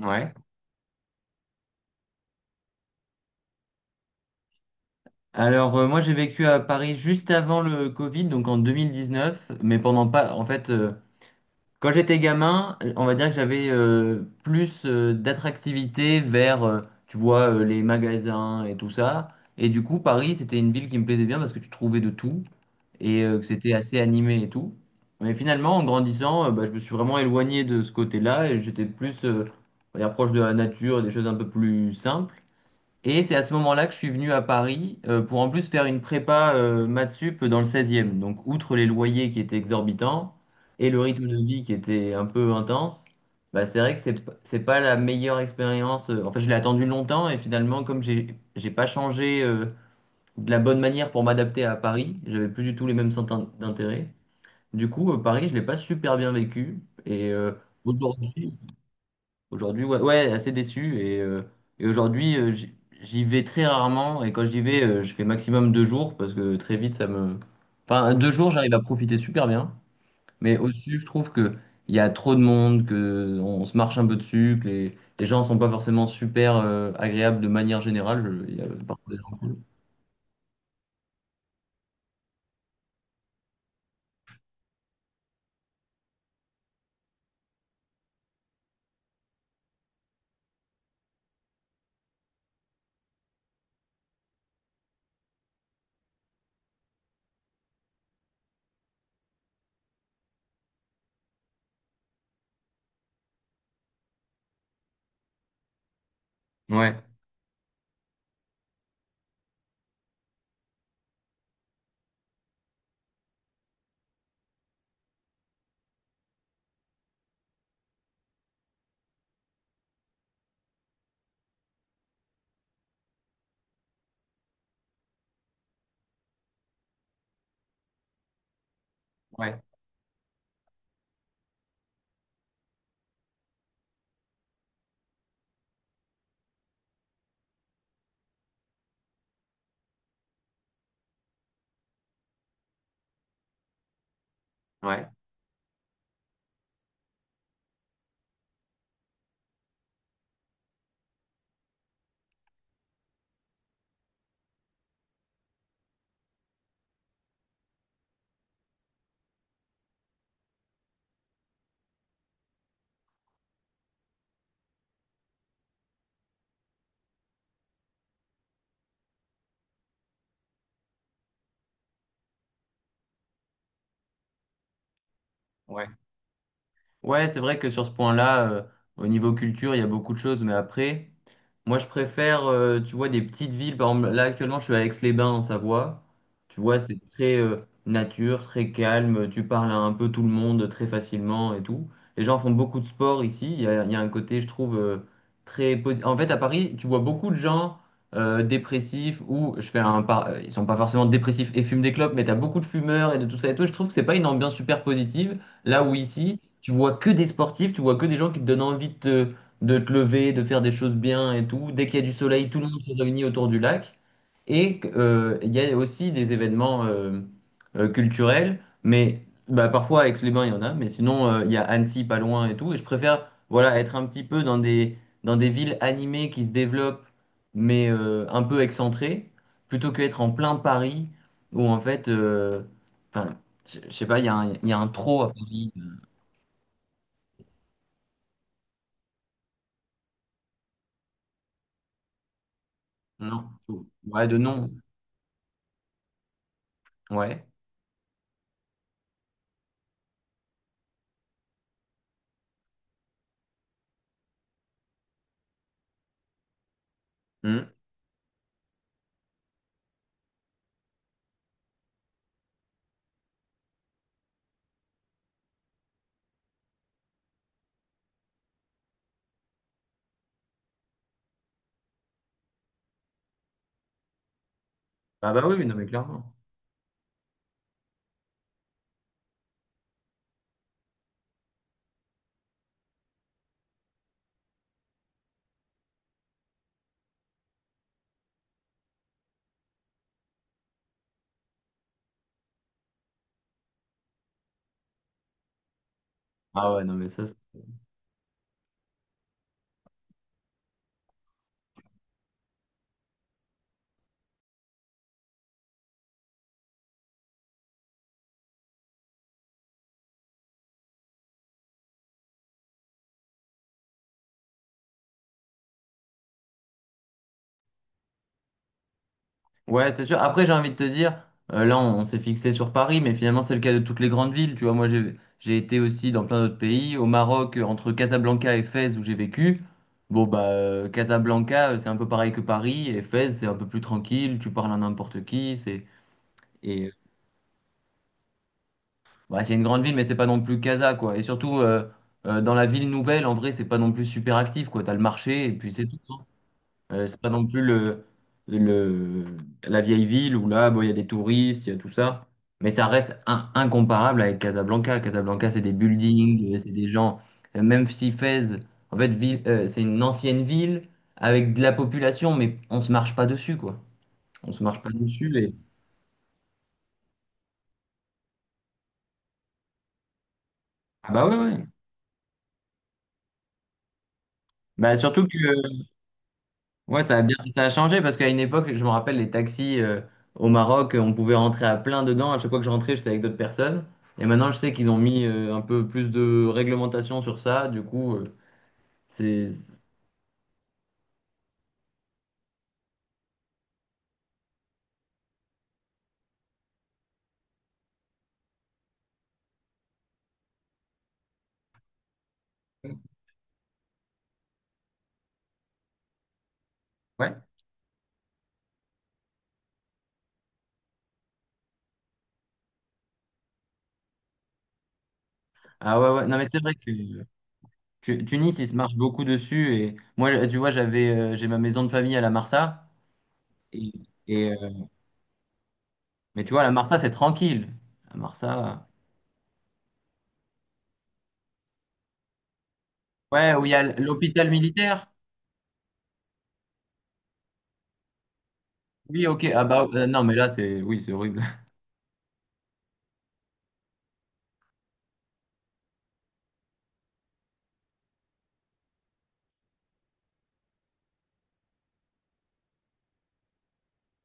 Ouais. Alors, moi j'ai vécu à Paris juste avant le Covid, donc en 2019. Mais pendant pas, en fait, quand j'étais gamin, on va dire que j'avais plus d'attractivité vers, tu vois, les magasins et tout ça. Et du coup, Paris, c'était une ville qui me plaisait bien parce que tu trouvais de tout et que c'était assez animé et tout. Mais finalement, en grandissant, bah, je me suis vraiment éloigné de ce côté-là et j'étais plus, on va dire, proche de la nature, et des choses un peu plus simples. Et c'est à ce moment-là que je suis venu à Paris pour en plus faire une prépa maths sup dans le 16e. Donc, outre les loyers qui étaient exorbitants et le rythme de vie qui était un peu intense, bah, c'est vrai que c'est pas la meilleure expérience. En fait, je l'ai attendu longtemps et finalement, comme j'ai pas changé de la bonne manière pour m'adapter à Paris, j'avais plus du tout les mêmes centres d'intérêt. Du coup, Paris, je l'ai pas super bien vécu. Et euh, aujourd'hui, Aujourd'hui, ouais, ouais, assez déçu. Et aujourd'hui, j'y vais très rarement. Et quand j'y vais, je fais maximum 2 jours parce que très vite, ça me. Enfin, deux jours, j'arrive à profiter super bien. Mais au-dessus, je trouve que il y a trop de monde, que on se marche un peu dessus, que les gens sont pas forcément super agréables de manière générale. Il y a parfois des gens cool. Ouais, ouais, ouais, ouais. Ouais, c'est vrai que sur ce point-là, au niveau culture, il y a beaucoup de choses, mais après, moi je préfère, tu vois, des petites villes. Par exemple, là actuellement, je suis à Aix-les-Bains en Savoie. Tu vois, c'est très nature, très calme. Tu parles à un peu tout le monde très facilement et tout. Les gens font beaucoup de sport ici. Il y a un côté, je trouve, très positif. En fait, à Paris, tu vois beaucoup de gens dépressifs ou je fais un par... ils sont pas forcément dépressifs et fument des clopes, mais tu as beaucoup de fumeurs et de tout ça et tout. Je trouve que c'est pas une ambiance super positive. Là où ici, tu vois que des sportifs, tu vois que des gens qui te donnent envie de te lever, de faire des choses bien et tout. Dès qu'il y a du soleil, tout le monde se réunit autour du lac. Et il y a aussi des événements culturels, mais bah, parfois à Aix-les-Bains, il y en a, mais sinon, il y a Annecy pas loin et tout. Et je préfère voilà, être un petit peu dans des villes animées qui se développent, mais un peu excentrées, plutôt qu'être en plein Paris, où en fait, enfin, je sais pas, il y a un, il y a un trop à Paris. Non. Ouais, de non. Ouais. Hmm. Ah bah oui, non mais clairement. Ah ouais, non mais ouais, c'est sûr. Après, j'ai envie de te dire, là, on s'est fixé sur Paris, mais finalement, c'est le cas de toutes les grandes villes. Tu vois, moi, j'ai été aussi dans plein d'autres pays. Au Maroc, entre Casablanca et Fès, où j'ai vécu. Bon, bah, Casablanca, c'est un peu pareil que Paris. Et Fès, c'est un peu plus tranquille. Tu parles à n'importe qui. C'est. Et bah, c'est une grande ville, mais c'est pas non plus Casa, quoi. Et surtout, dans la ville nouvelle, en vrai, c'est pas non plus super actif, quoi. T'as le marché, et puis c'est tout, hein. C'est pas non plus le, la vieille ville où là, bon, il y a des touristes, il y a tout ça. Mais ça reste incomparable avec Casablanca. Casablanca, c'est des buildings, c'est des gens. Même si Fès, en fait, ville, c'est une ancienne ville avec de la population, mais on se marche pas dessus, quoi. On se marche pas dessus. Et... Ah bah ouais, ouais. Bah, surtout que. Ouais, ça a changé parce qu'à une époque, je me rappelle les taxis au Maroc, on pouvait rentrer à plein dedans. À chaque fois que je rentrais, j'étais avec d'autres personnes. Et maintenant, je sais qu'ils ont mis un peu plus de réglementation sur ça. Du coup, c'est ouais. Ah ouais, ouais. Non, mais c'est vrai que Tunis, ils se marchent beaucoup dessus. Et moi, tu vois, j'ai ma maison de famille à la Marsa. Et, et, euh, mais tu vois, la Marsa, c'est tranquille. La Marsa, ouais, où il y a l'hôpital militaire. Oui, ok. Ah bah non, mais là, c'est oui, c'est horrible.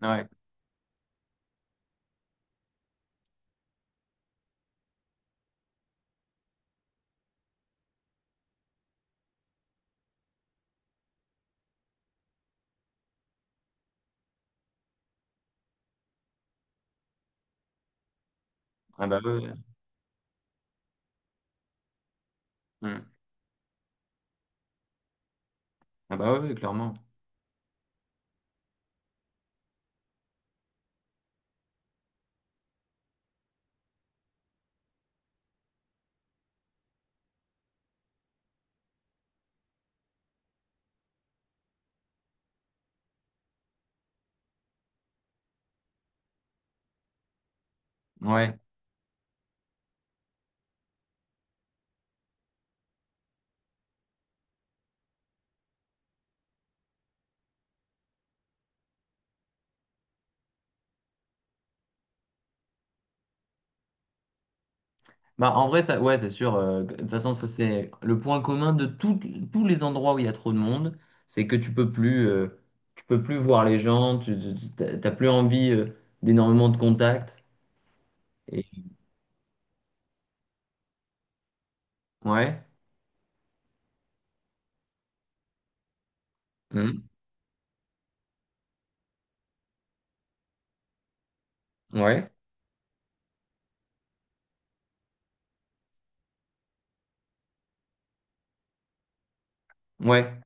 Ouais. Ah bah ouais. Mm. Ah bah oui, clairement. Ouais. Bah en vrai, ça, ouais, c'est sûr. De toute façon, ça c'est le point commun de tous les endroits où il y a trop de monde, c'est que tu peux plus, tu peux plus voir les gens, t'as plus envie d'énormément de contacts. Et... Ouais. Mm. Ouais. Ouais.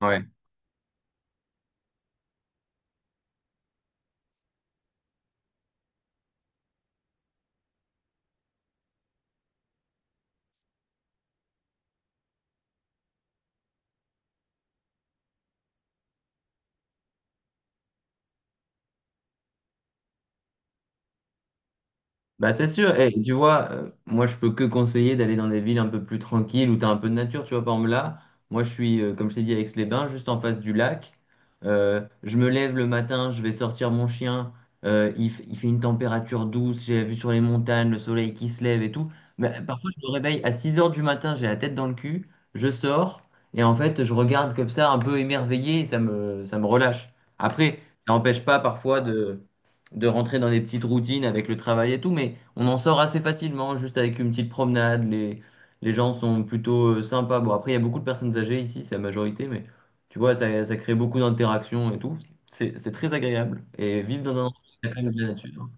Ouais. Bah c'est sûr, et tu vois, moi je peux que conseiller d'aller dans des villes un peu plus tranquilles où tu as un peu de nature, tu vois, par exemple là, moi je suis, comme je t'ai dit, à Aix-les-Bains, juste en face du lac. Je me lève le matin, je vais sortir mon chien. Il fait une température douce, j'ai la vue sur les montagnes, le soleil qui se lève et tout, mais parfois je me réveille à 6 heures du matin, j'ai la tête dans le cul, je sors, et en fait je regarde comme ça un peu émerveillé, et ça me relâche. Après, ça n'empêche pas parfois de rentrer dans des petites routines avec le travail et tout, mais on en sort assez facilement, juste avec une petite promenade. Les gens sont plutôt sympas. Bon, après, il y a beaucoup de personnes âgées ici, c'est la majorité, mais tu vois, ça crée beaucoup d'interactions et tout. C'est très agréable. Et vivre dans un endroit où il y a quand même de la nature.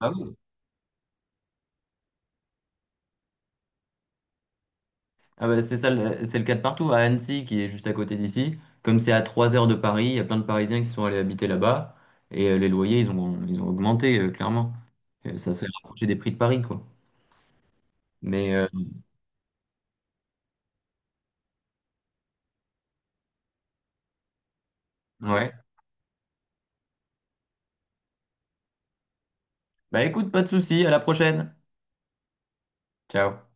Ah oui. Ah bah, c'est ça, c'est le cas de partout. À Annecy, qui est juste à côté d'ici, comme c'est à 3 heures de Paris, il y a plein de Parisiens qui sont allés habiter là-bas. Et les loyers, ils ont augmenté, clairement. Ça s'est rapproché des prix de Paris, quoi. Mais ouais. Bah écoute, pas de souci, à la prochaine. Ciao.